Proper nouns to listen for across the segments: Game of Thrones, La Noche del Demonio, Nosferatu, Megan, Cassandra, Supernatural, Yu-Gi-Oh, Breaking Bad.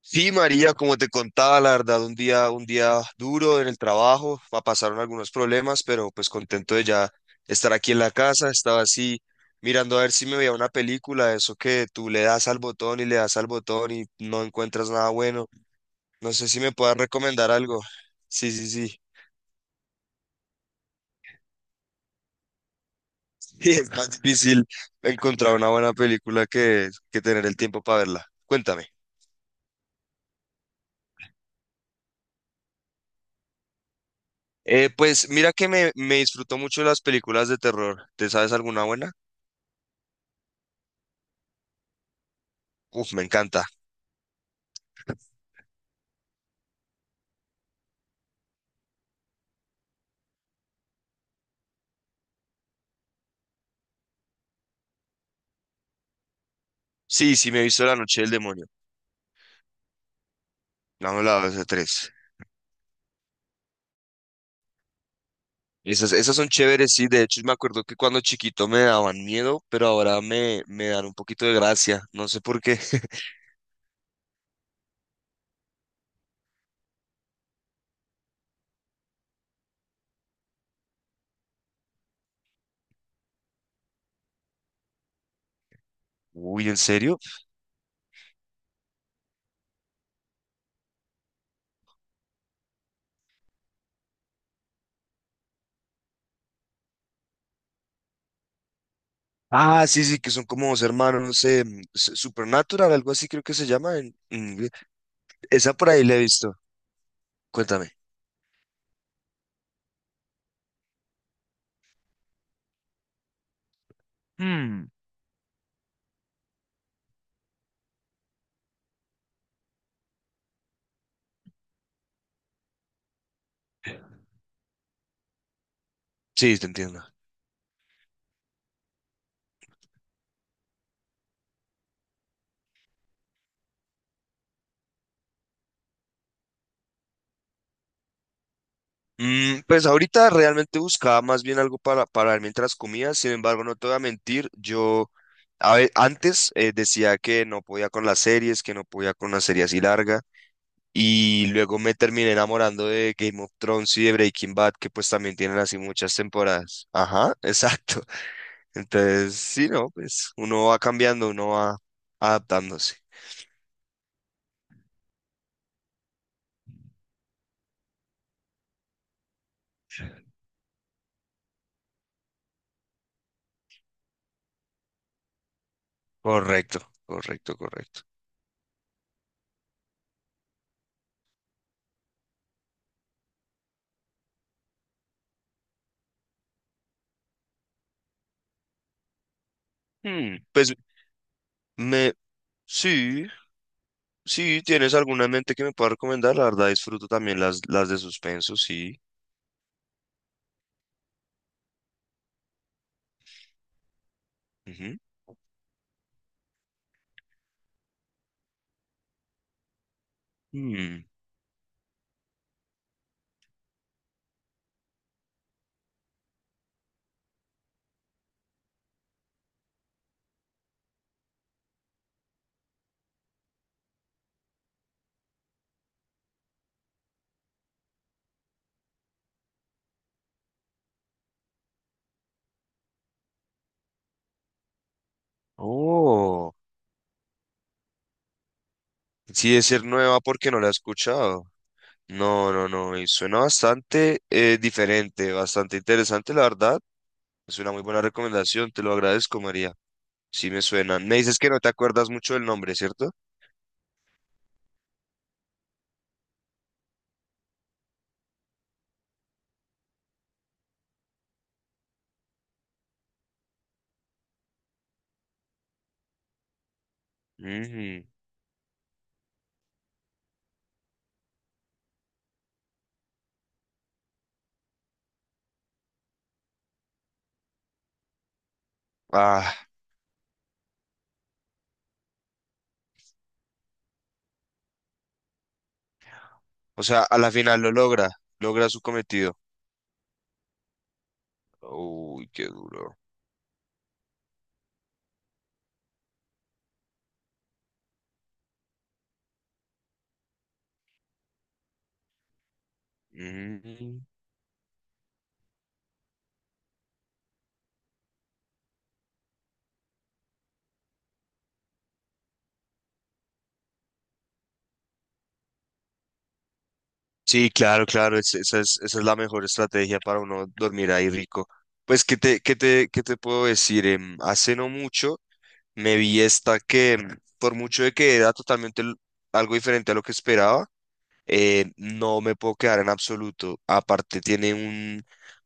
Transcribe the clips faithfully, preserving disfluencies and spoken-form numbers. Sí, María, como te contaba, la verdad, un día, un día duro en el trabajo, pa- pasaron algunos problemas, pero pues contento de ya estar aquí en la casa, estaba así mirando a ver si me veía una película, eso que tú le das al botón y le das al botón y no encuentras nada bueno. No sé si me puedas recomendar algo. Sí, sí, sí. Sí, es más difícil encontrar una buena película que, que tener el tiempo para verla. Cuéntame. Eh, pues mira que me, me disfruto mucho las películas de terror. ¿Te sabes alguna buena? Uf, me encanta. Sí, sí, me he visto La Noche del Demonio. La uno, la dos, la tres. Esas, esas son chéveres, sí. De hecho, me acuerdo que cuando chiquito me daban miedo, pero ahora me, me dan un poquito de gracia. No sé por qué. Uy, ¿en serio? Ah, sí, sí, que son como dos hermanos, no sé, mm, S- Supernatural, algo así creo que se llama en en inglés. Esa por ahí la he visto. Cuéntame. Hmm. Sí, te entiendo. Mm, pues ahorita realmente buscaba más bien algo para, para ver mientras comía. Sin embargo, no te voy a mentir, yo a ve- antes eh, decía que no podía con las series, que no podía con una serie así larga, y luego me terminé enamorando de Game of Thrones y de Breaking Bad, que pues también tienen así muchas temporadas. Ajá, exacto. Entonces, sí, no, pues uno va cambiando, uno va adaptándose. Correcto, correcto, correcto. Hmm, pues me... Sí, si tienes alguna en mente que me pueda recomendar, la verdad disfruto también las, las de suspenso, sí. Ujú. Mm. Oh, sí, es ser nueva porque no la he escuchado. No, no, no, y suena bastante eh, diferente, bastante interesante, la verdad. Es una muy buena recomendación, te lo agradezco, María. Sí me suenan. Me dices que no te acuerdas mucho del nombre, ¿cierto? Ujú. Ah, o sea, a la final lo logra, logra su cometido. Uy, qué duro. Ujú. Sí, claro, claro, es- esa es, esa es la mejor estrategia para uno dormir ahí rico. Pues, ¿qué te, qué te, qué te puedo decir? Em, hace no mucho me vi esta que, em, por mucho de que era totalmente l- algo diferente a lo que esperaba. Eh, no me puedo quedar en absoluto. Aparte, tiene un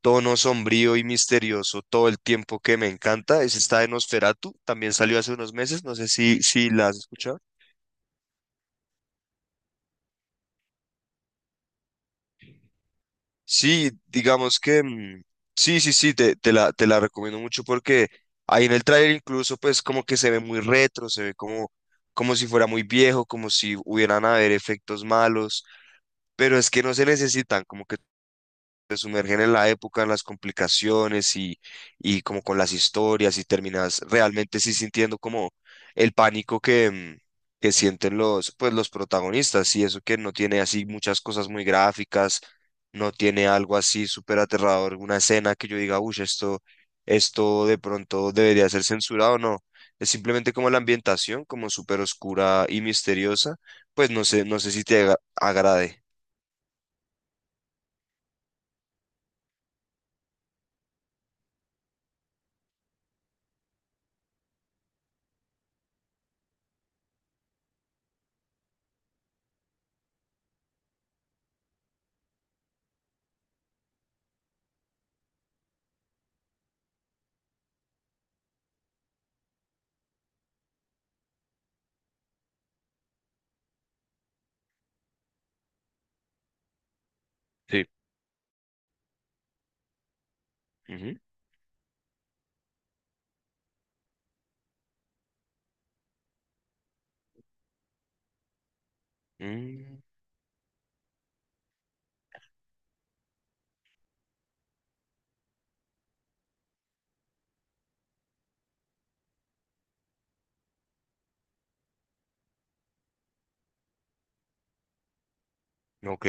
tono sombrío y misterioso todo el tiempo que me encanta. Es esta de Nosferatu, también salió hace unos meses, no sé si, si la has escuchado. Sí, digamos que mm, sí, sí, sí, te, te la, te la recomiendo mucho porque ahí en el tráiler incluso pues como que se ve muy retro, se ve como, como si fuera muy viejo, como si hubieran haber efectos malos, pero es que no se necesitan, como que te sumergen en la época, en las complicaciones y, y como con las historias y terminas realmente sí sintiendo como el pánico que, mm, que sienten los, pues, los protagonistas. Y eso que no tiene así muchas cosas muy gráficas, no tiene algo así súper aterrador, una escena que yo diga, uy, esto, esto de pronto debería ser censurado o no. Es simplemente como la ambientación, como súper oscura y misteriosa, pues no sé, no sé si te agra- agrade. Sí. Ujú. Mm, ok.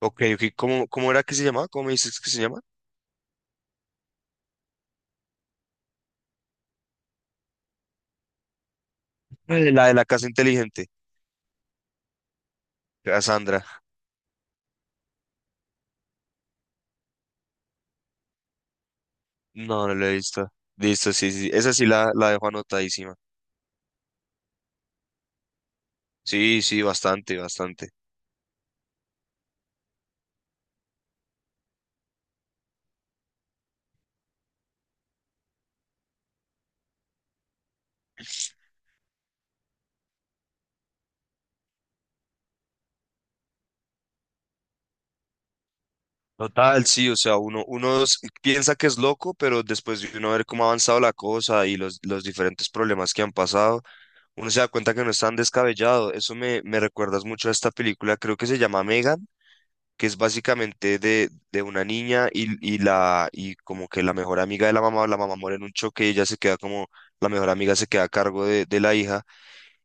Ok, ok. ¿Cómo, cómo era que se llamaba? ¿Cómo me dices que se llama? Eh, La de la casa inteligente. Cassandra. No, no la he visto. Listo, sí, sí. Esa sí la, la dejo anotadísima. Sí, sí, bastante, bastante. Total, sí, o sea, uno, uno s- piensa que es loco, pero después de uno ver cómo ha avanzado la cosa y los, los diferentes problemas que han pasado, uno se da cuenta que no es tan descabellado. Eso me, me recuerdas mucho a esta película, creo que se llama Megan, que es básicamente de, de una niña y, y la y como que la mejor amiga de la mamá, la mamá muere en un choque y ella se queda como la mejor amiga, se queda a cargo de, de la hija.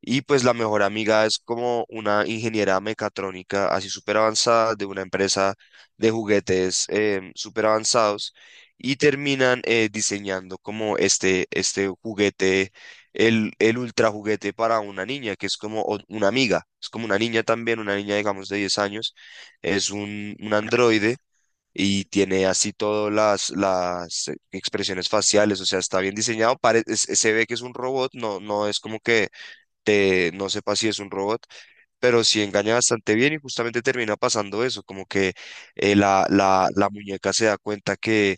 Y pues la mejor amiga es como una ingeniera mecatrónica así súper avanzada de una empresa de juguetes em, súper avanzados, y terminan eh, diseñando como este, este juguete, el, el ultra juguete para una niña que es como o- una amiga, es como una niña también, una niña digamos de diez años, es un, un androide. Y tiene así todas las, las eh, expresiones faciales. O sea, está bien diseñado, pare- es- se ve que es un robot, no, no es como que de no sepa si es un robot, pero sí engaña bastante bien y justamente termina pasando eso, como que eh, la, la, la muñeca se da cuenta que,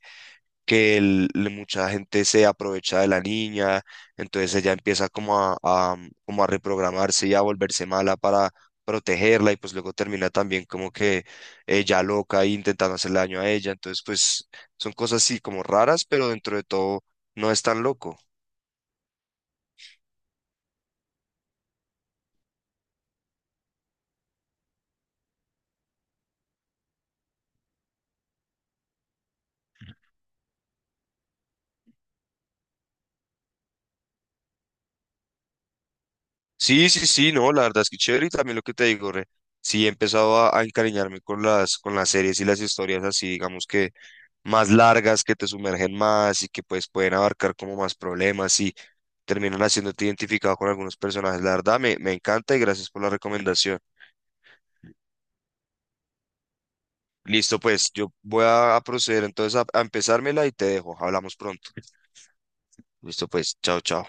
que el- le- mucha gente se aprovecha de la niña, entonces ella empieza como a, a, mm, como a reprogramarse y a volverse mala para protegerla. Y pues luego termina también como que ella loca e intentando hacerle daño a ella, entonces pues son cosas así como raras, pero dentro de todo no es tan loco. Sí, sí, sí, no, la verdad es que chévere. Y también lo que te digo, re, sí he empezado a, a encariñarme con las, con las series y las historias así, digamos que más largas, que te sumergen más y que pues pueden abarcar como más problemas y terminan haciéndote identificado con algunos personajes. La verdad me, me encanta y gracias por la recomendación. Listo, pues yo voy a, a proceder entonces a, a empezármela y te dejo. Hablamos pronto. Listo, pues, chao, chao.